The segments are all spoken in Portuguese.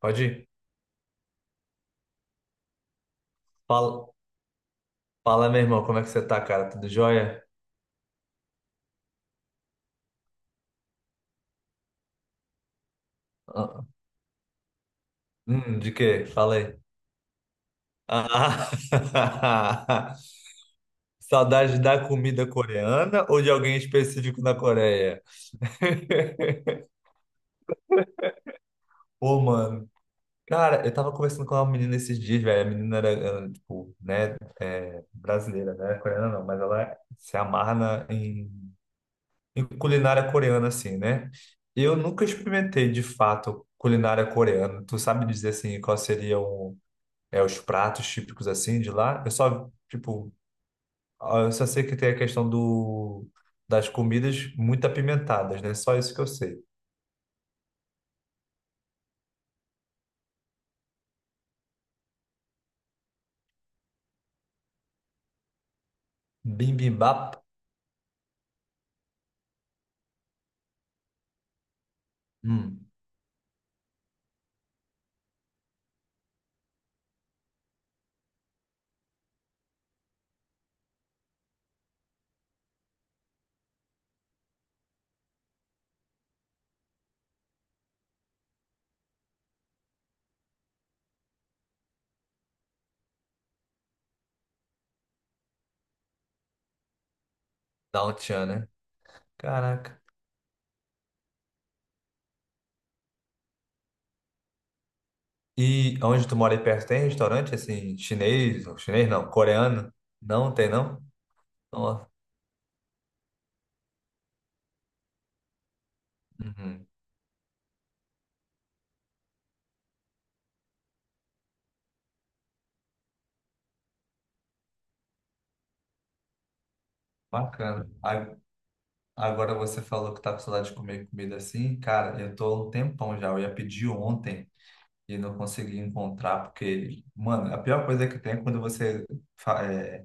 Pode ir. Fala, fala, meu irmão, como é que você tá, cara? Tudo jóia? Ah. De quê? Fala aí. Ah, saudade da comida coreana ou de alguém específico na Coreia? Pô, mano, cara, eu tava conversando com uma menina esses dias, velho. A menina era tipo, né, é, brasileira, né? Coreana não, mas ela se amarra em culinária coreana, assim, né? Eu nunca experimentei, de fato, culinária coreana. Tu sabe dizer, assim, qual seria o, os pratos típicos assim de lá. Eu só, tipo, ah, eu só sei que tem a questão das comidas muito apimentadas, né? Só isso que eu sei. Bibimbap, hum, dá um tchan, né? Caraca. E onde tu mora aí perto tem restaurante assim, chinês, ou chinês não, coreano? Não tem não? Ó, uhum. Bacana. Agora você falou que tá com saudade de comer comida assim. Cara, eu tô há um tempão já. Eu ia pedir ontem e não consegui encontrar, porque, mano, a pior coisa que tem é quando você fa- é,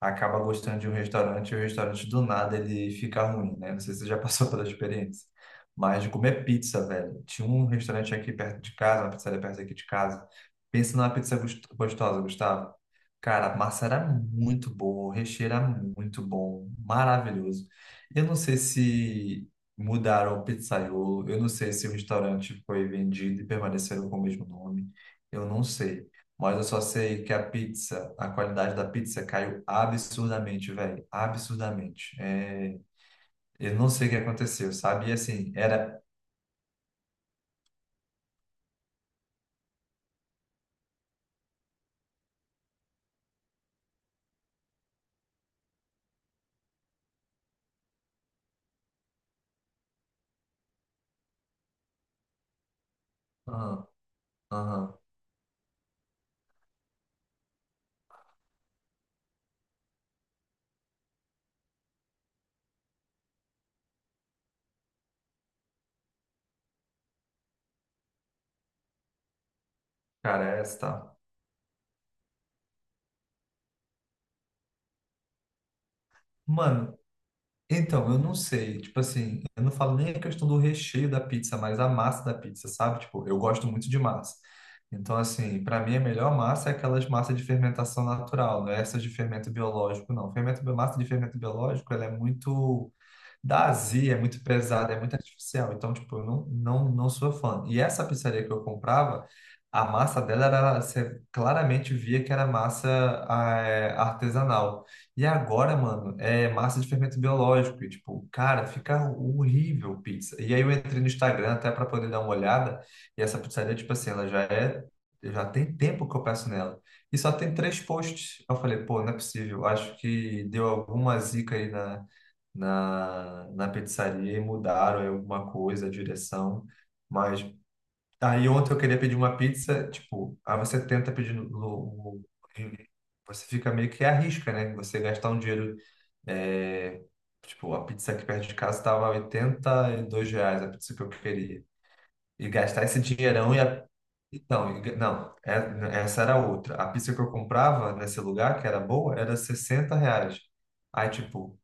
acaba gostando de um restaurante e o restaurante do nada ele fica ruim, né? Não sei se você já passou pela experiência. Mas de comer pizza, velho. Tinha um restaurante aqui perto de casa, uma pizzaria perto aqui de casa. Pensa numa pizza gostosa, Gustavo. Cara, a massa era muito boa, o recheio era muito bom, maravilhoso. Eu não sei se mudaram o pizzaiolo, eu não sei se o restaurante foi vendido e permaneceram com o mesmo nome. Eu não sei. Mas eu só sei que a pizza, a qualidade da pizza caiu absurdamente, velho. Absurdamente. É, eu não sei o que aconteceu, sabe? E assim, era. Aham, aham, cara, é essa tá. Mano, então, eu não sei. Tipo assim, eu não falo nem a questão do recheio da pizza, mas a massa da pizza, sabe? Tipo, eu gosto muito de massa. Então, assim, para mim a melhor massa é aquelas massas de fermentação natural, não é essas de fermento biológico, não. Massa de fermento biológico, ela é muito. Dá azia, é muito pesada, é muito artificial. Então, tipo, eu não sou fã. E essa pizzaria que eu comprava, a massa dela era, você claramente via que era massa ah, é, artesanal. E agora, mano, é massa de fermento biológico. E, tipo, cara, fica horrível pizza. E aí eu entrei no Instagram até para poder dar uma olhada. E essa pizzaria, tipo assim, ela já é. Já tem tempo que eu peço nela. E só tem três posts. Eu falei, pô, não é possível. Acho que deu alguma zica aí na pizzaria e mudaram aí alguma coisa, a direção. Mas aí ontem eu queria pedir uma pizza, tipo, aí você tenta pedir no, você fica meio que arrisca, né? Você gastar um dinheiro, é, tipo, a pizza aqui perto de casa estava R$ 82, a pizza que eu queria. E gastar esse dinheirão e a então, não, essa era outra. A pizza que eu comprava nesse lugar, que era boa, era R$ 60. Aí, tipo,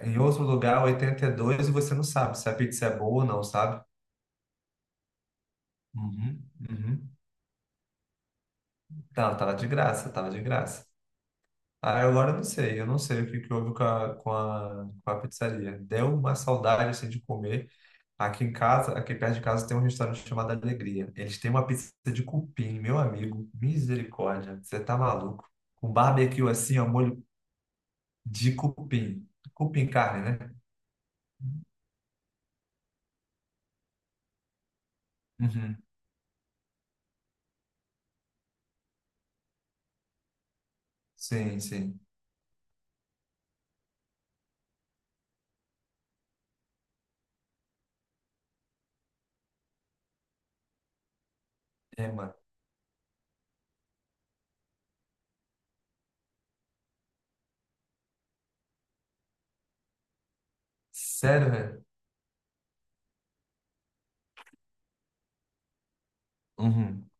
em outro lugar, 82 e você não sabe se a pizza é boa ou não, sabe? Uhum, uhum. Não, tava de graça, tava de graça. Ah, agora eu não sei o que que houve com a pizzaria. Deu uma saudade, assim, de comer. Aqui em casa, aqui perto de casa, tem um restaurante chamado Alegria. Eles têm uma pizza de cupim, meu amigo. Misericórdia, você tá maluco. Com barbecue assim, ó, molho de cupim. Cupim carne, né? Uhum. Sim, sim. É, mano. Sério, velho? Uhum.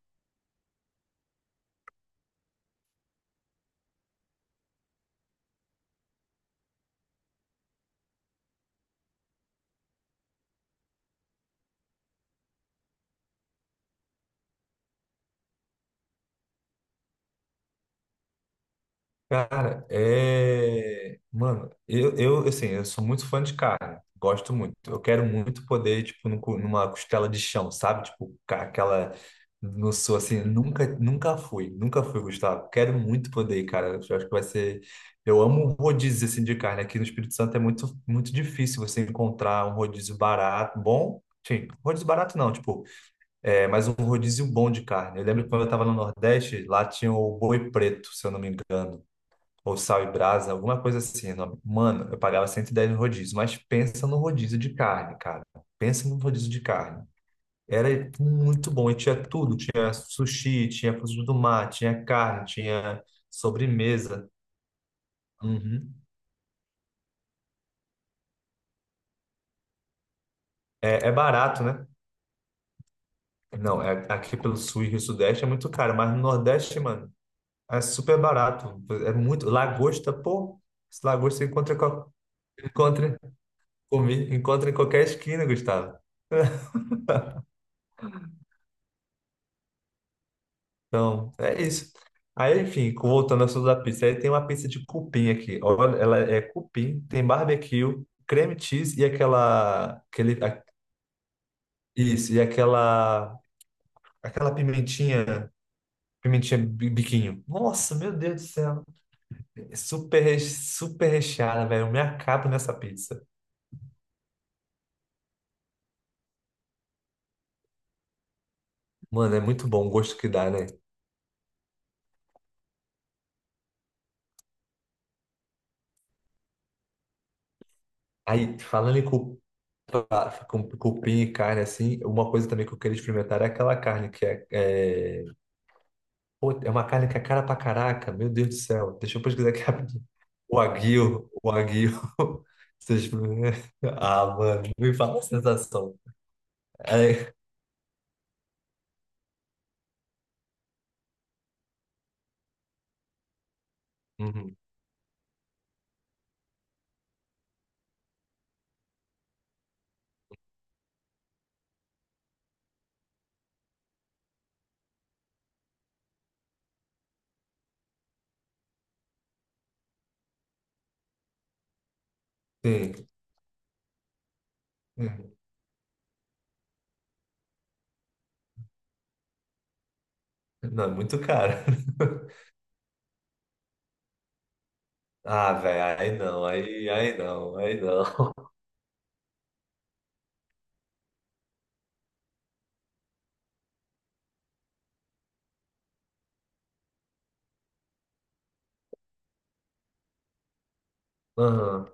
Cara, é. Mano, eu, assim, eu sou muito fã de carne. Gosto muito. Eu quero muito poder, tipo, numa costela de chão, sabe? Tipo, ca- aquela. Não sou assim, nunca fui, Gustavo. Quero muito poder, cara. Eu acho que vai ser. Eu amo rodízio, assim, de carne. Aqui no Espírito Santo é muito, muito difícil você encontrar um rodízio barato, bom. Sim, rodízio barato não, tipo, é, mas um rodízio bom de carne. Eu lembro que quando eu tava no Nordeste, lá tinha o boi preto, se eu não me engano, ou sal e brasa, alguma coisa assim o nome. Mano, eu pagava 110 no rodízio, mas pensa no rodízio de carne, cara. Pensa no rodízio de carne. Era muito bom e tinha tudo, tinha sushi, tinha frutos do mar, tinha carne, tinha sobremesa. Uhum. É, é barato, né? Não, é, aqui pelo sul e Rio Sudeste é muito caro, mas no Nordeste, mano, é super barato. É muito. Lagosta, pô, esse lagosta você encontra, encontra, comi, encontra em qualquer esquina, Gustavo. Então, é isso. Aí, enfim, voltando ao assunto da pizza, aí tem uma pizza de cupim aqui. Olha, ela é cupim, tem barbecue, creme cheese e aquela, aquele, a- isso, e aquela, aquela pimentinha, biquinho. Nossa, meu Deus do céu. É super, super recheada, velho. Eu me acabo nessa pizza. Mano, é muito bom o gosto que dá, né? Aí, falando em cu- Com cupim e carne, assim, uma coisa também que eu queria experimentar é aquela carne que é, é Pô, é uma carne que é cara pra caraca, meu Deus do céu. Deixa eu pesquisar aqui rapidinho. O aguil. Vocês... Ah, mano, me fala a sensação. É... Uhum. Sim. Uhum. Não, é muito caro. Ah, velho, aí não. Aham.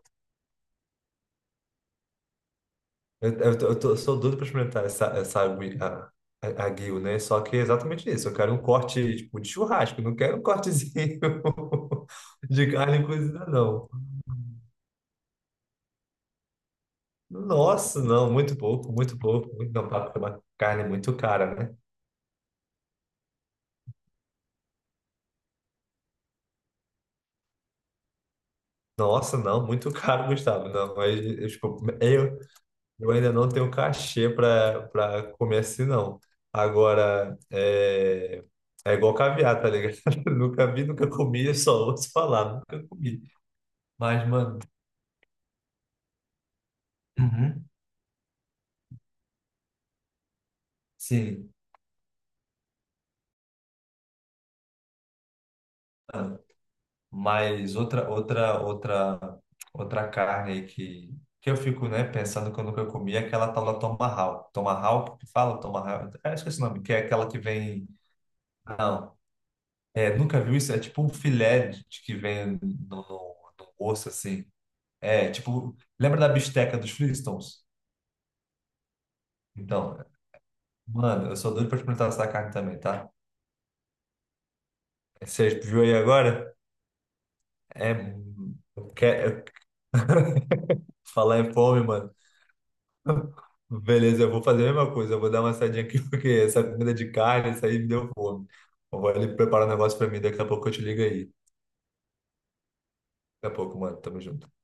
Sou doido pra experimentar essa aguil, né? Só que é exatamente isso. Eu quero um corte, tipo, de churrasco. Eu Não quero um cortezinho de carne cozida, não. Nossa, não, muito pouco, muito pouco. Muito, não, tá, porque é uma carne muito cara, né? Nossa, não, muito caro, Gustavo. Não, mas eu, tipo, eu ainda não tenho cachê para comer assim, não. Agora, é, é igual caviar, tá ligado? Nunca vi, nunca comi, eu só ouço falar, nunca comi. Mas, mano, uhum. Sim. Ah. Mas outra carne aí que eu fico, né, pensando que eu nunca comi é aquela tal da tomahawk. Tomahawk, que fala tomahawk? É, esqueci o nome, que é aquela que vem... Não, é, nunca viu isso? É tipo um filé de, que vem no osso, assim. É, tipo... Lembra da bisteca dos Flintstones? Então, mano, eu sou doido pra experimentar essa carne também, tá? Você viu aí agora? É... Eu quero, eu- falar em fome, mano. Beleza, eu vou fazer a mesma coisa. Eu vou dar uma saidinha aqui, porque essa comida de carne, isso aí me deu fome. Eu vou ali preparar um negócio pra mim. Daqui a pouco eu te ligo aí. Daqui a pouco, mano. Tamo junto.